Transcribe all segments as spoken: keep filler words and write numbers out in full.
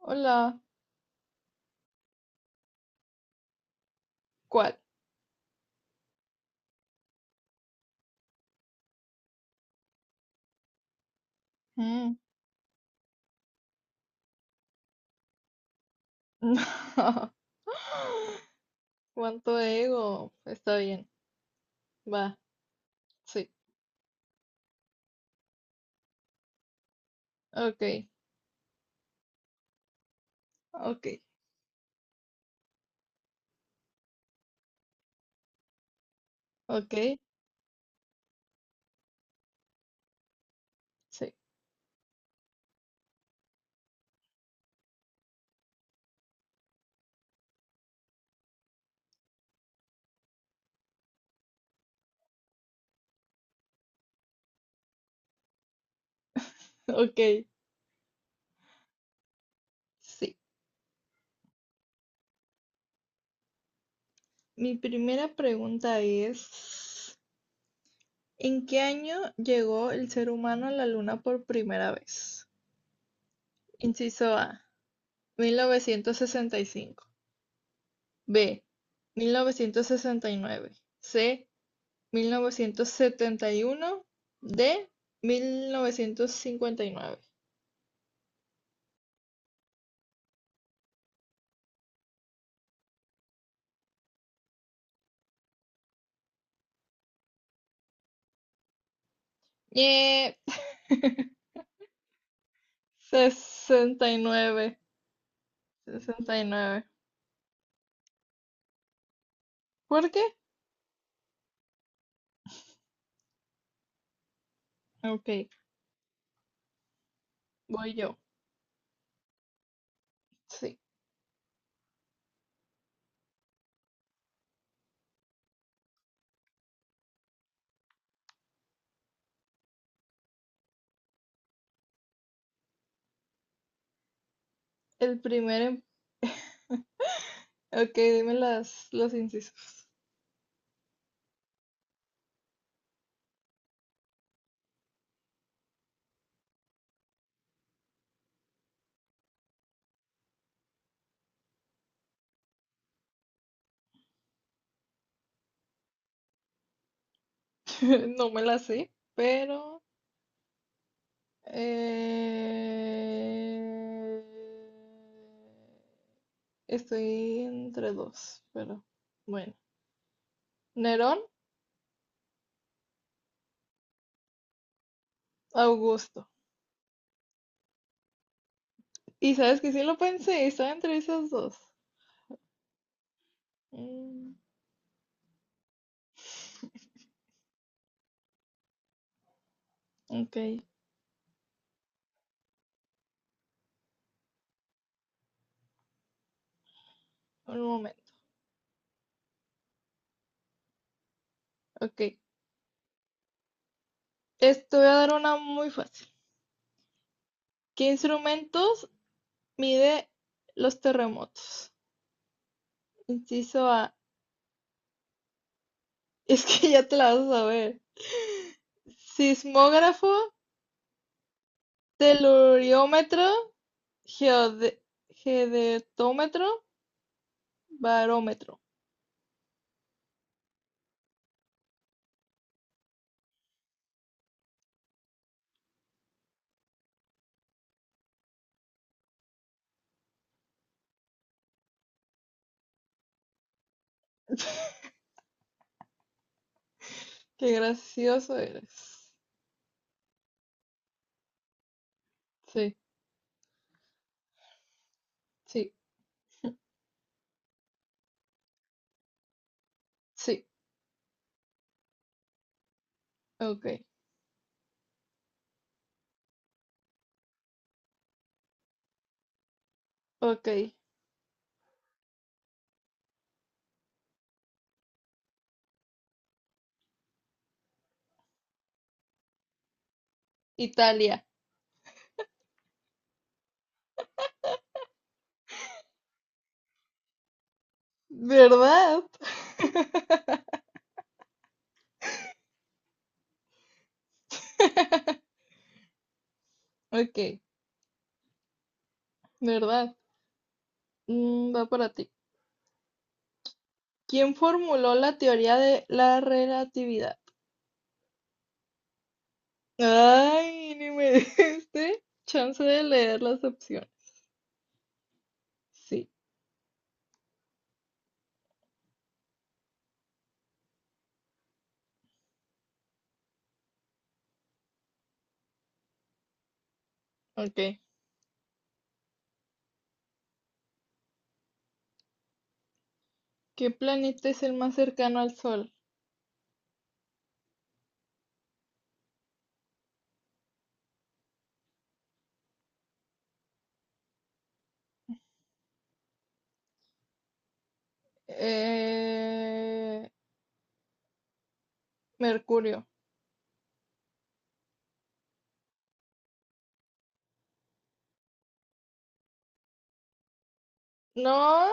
Hola, ¿cuál? Mm. No. ¿Cuánto ego? Está bien, va, sí. Ok, ok, ok, sí, ok, sí. Mi primera pregunta es, ¿en qué año llegó el ser humano a la luna por primera vez? Inciso A, mil novecientos sesenta y cinco. B, mil novecientos sesenta y nueve. C, mil novecientos setenta y uno de mil novecientos cincuenta y nueve. Ñe. sesenta y nueve. sesenta y nueve. ¿Por qué? Ok, voy yo. Sí. El primer... em- Ok, dime las, los incisos. No me las sé, pero... eh, estoy entre dos, pero bueno. Nerón, Augusto. Y sabes que sí lo pensé, estaba entre esas dos. Mm. Ok, un momento. Ok, esto voy a dar una muy fácil. ¿Qué instrumentos mide los terremotos? Inciso A. Es que ya te la vas a saber. Sismógrafo, teluriómetro, geode- geodetómetro, barómetro. Qué gracioso eres. Sí, sí, sí. Ok, ok. Italia. ¿Verdad? Ok, ¿verdad? Mm, va para ti. ¿Quién formuló la teoría de la relatividad? Ay, ni me diste chance de leer las opciones. Sí, ok. ¿Qué planeta es el más cercano al Sol? Eh, Mercurio. No,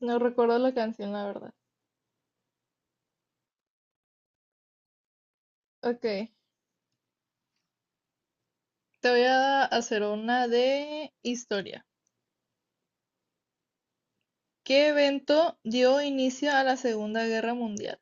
no recuerdo la canción, la verdad. Ok, te voy a hacer una de historia. ¿Qué evento dio inicio a la Segunda Guerra Mundial?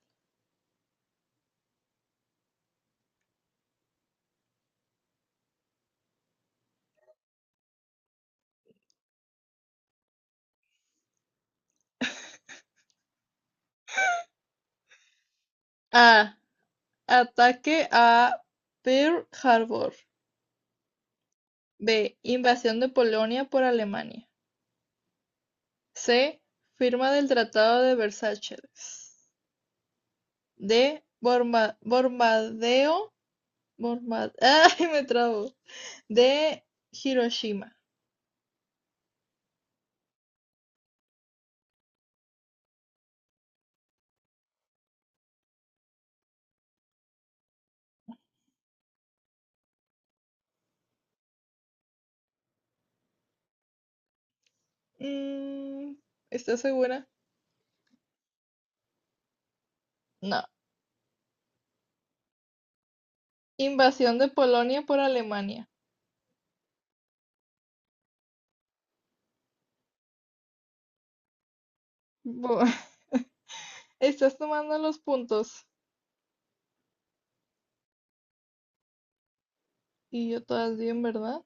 A. Ataque a Pearl Harbor. B. Invasión de Polonia por Alemania. C. Firma del Tratado de Versalles. D. Bomba. Bombardeo. Bomba. Ay, me trabo. D. Hiroshima. Mm, ¿estás segura? No. Invasión de Polonia por Alemania. Bu- Estás tomando los puntos. Y yo todas bien, ¿verdad?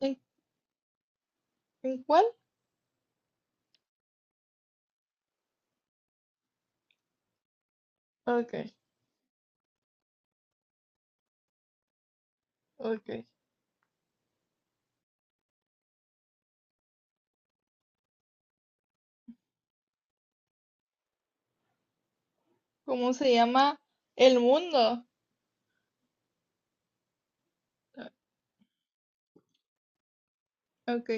¿En, en cuál? Ok, ok. ¿Cómo se llama el mundo? Ah, ok,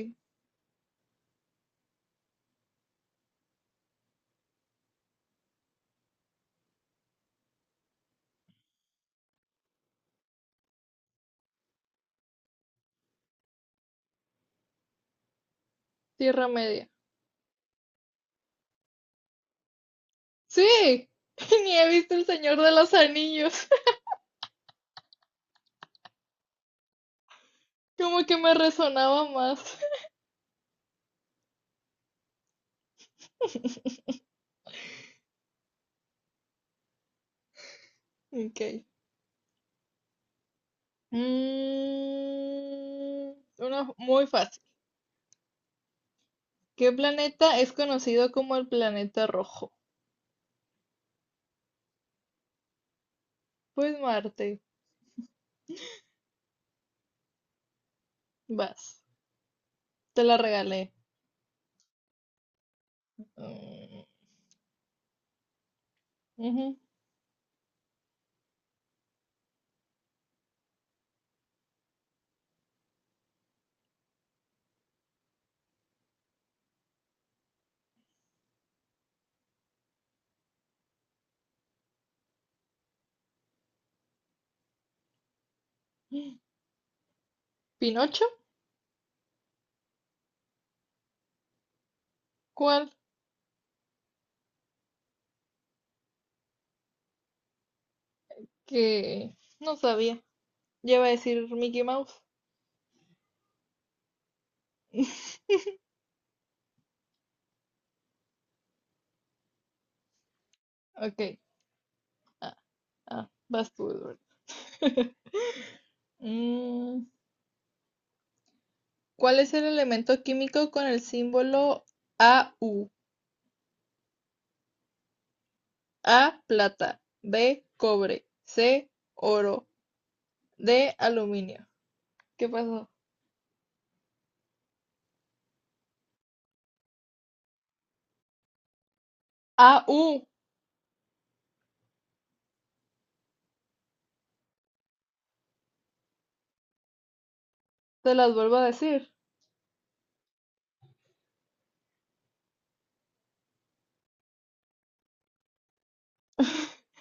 Tierra Media. Sí, ni he visto El Señor de los Anillos. Como que me resonaba más. Ok. Mm, una muy fácil. ¿Qué planeta es conocido como el planeta rojo? Pues Marte. Vas. Te la regalé. Mm, ujú. ¿Pinocho? ¿Cuál? Que no sabía. Ya iba a decir Mickey Mouse. Ok. Ah, ah, vas tú, Eduardo. Mm, ¿cuál es el elemento químico con el símbolo A U? A, plata. B, cobre. C, oro. D, aluminio. ¿Qué pasó? A U, te las vuelvo a decir.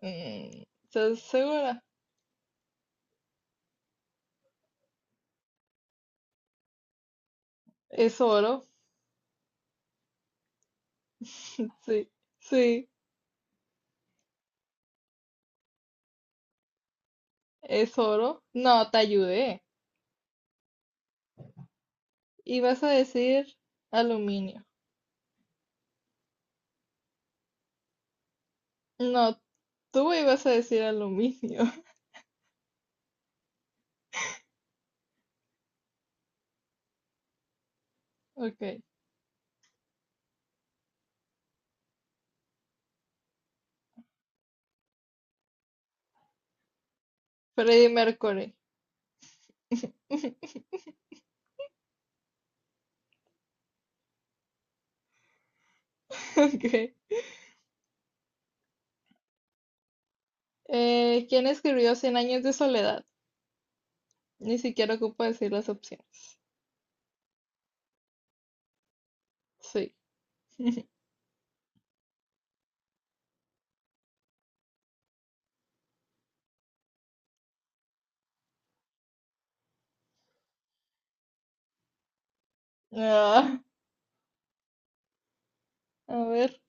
Mm, ¿estás segura? Es oro. Sí, sí, es oro. No, te ayudé. Y vas a decir aluminio. No, tú ibas a decir aluminio. Ok. Freddie Mercury. Ok. Eh, ¿quién escribió Cien años de soledad? Ni siquiera ocupo decir las opciones. Sí. Ah, a ver.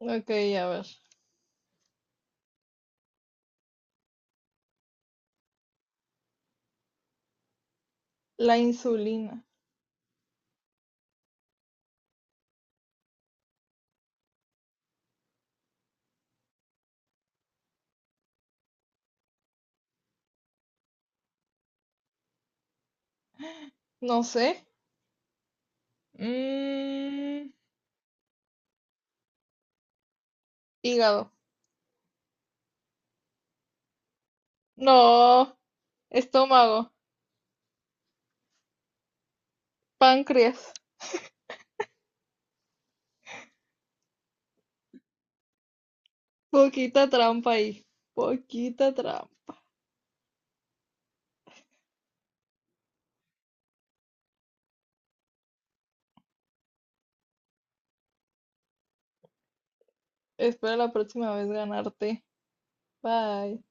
Ok, a ver. La insulina. No sé. Mm, hígado. No. Estómago. Páncreas. Poquita trampa ahí. Poquita trampa. Espero la próxima vez ganarte. Bye.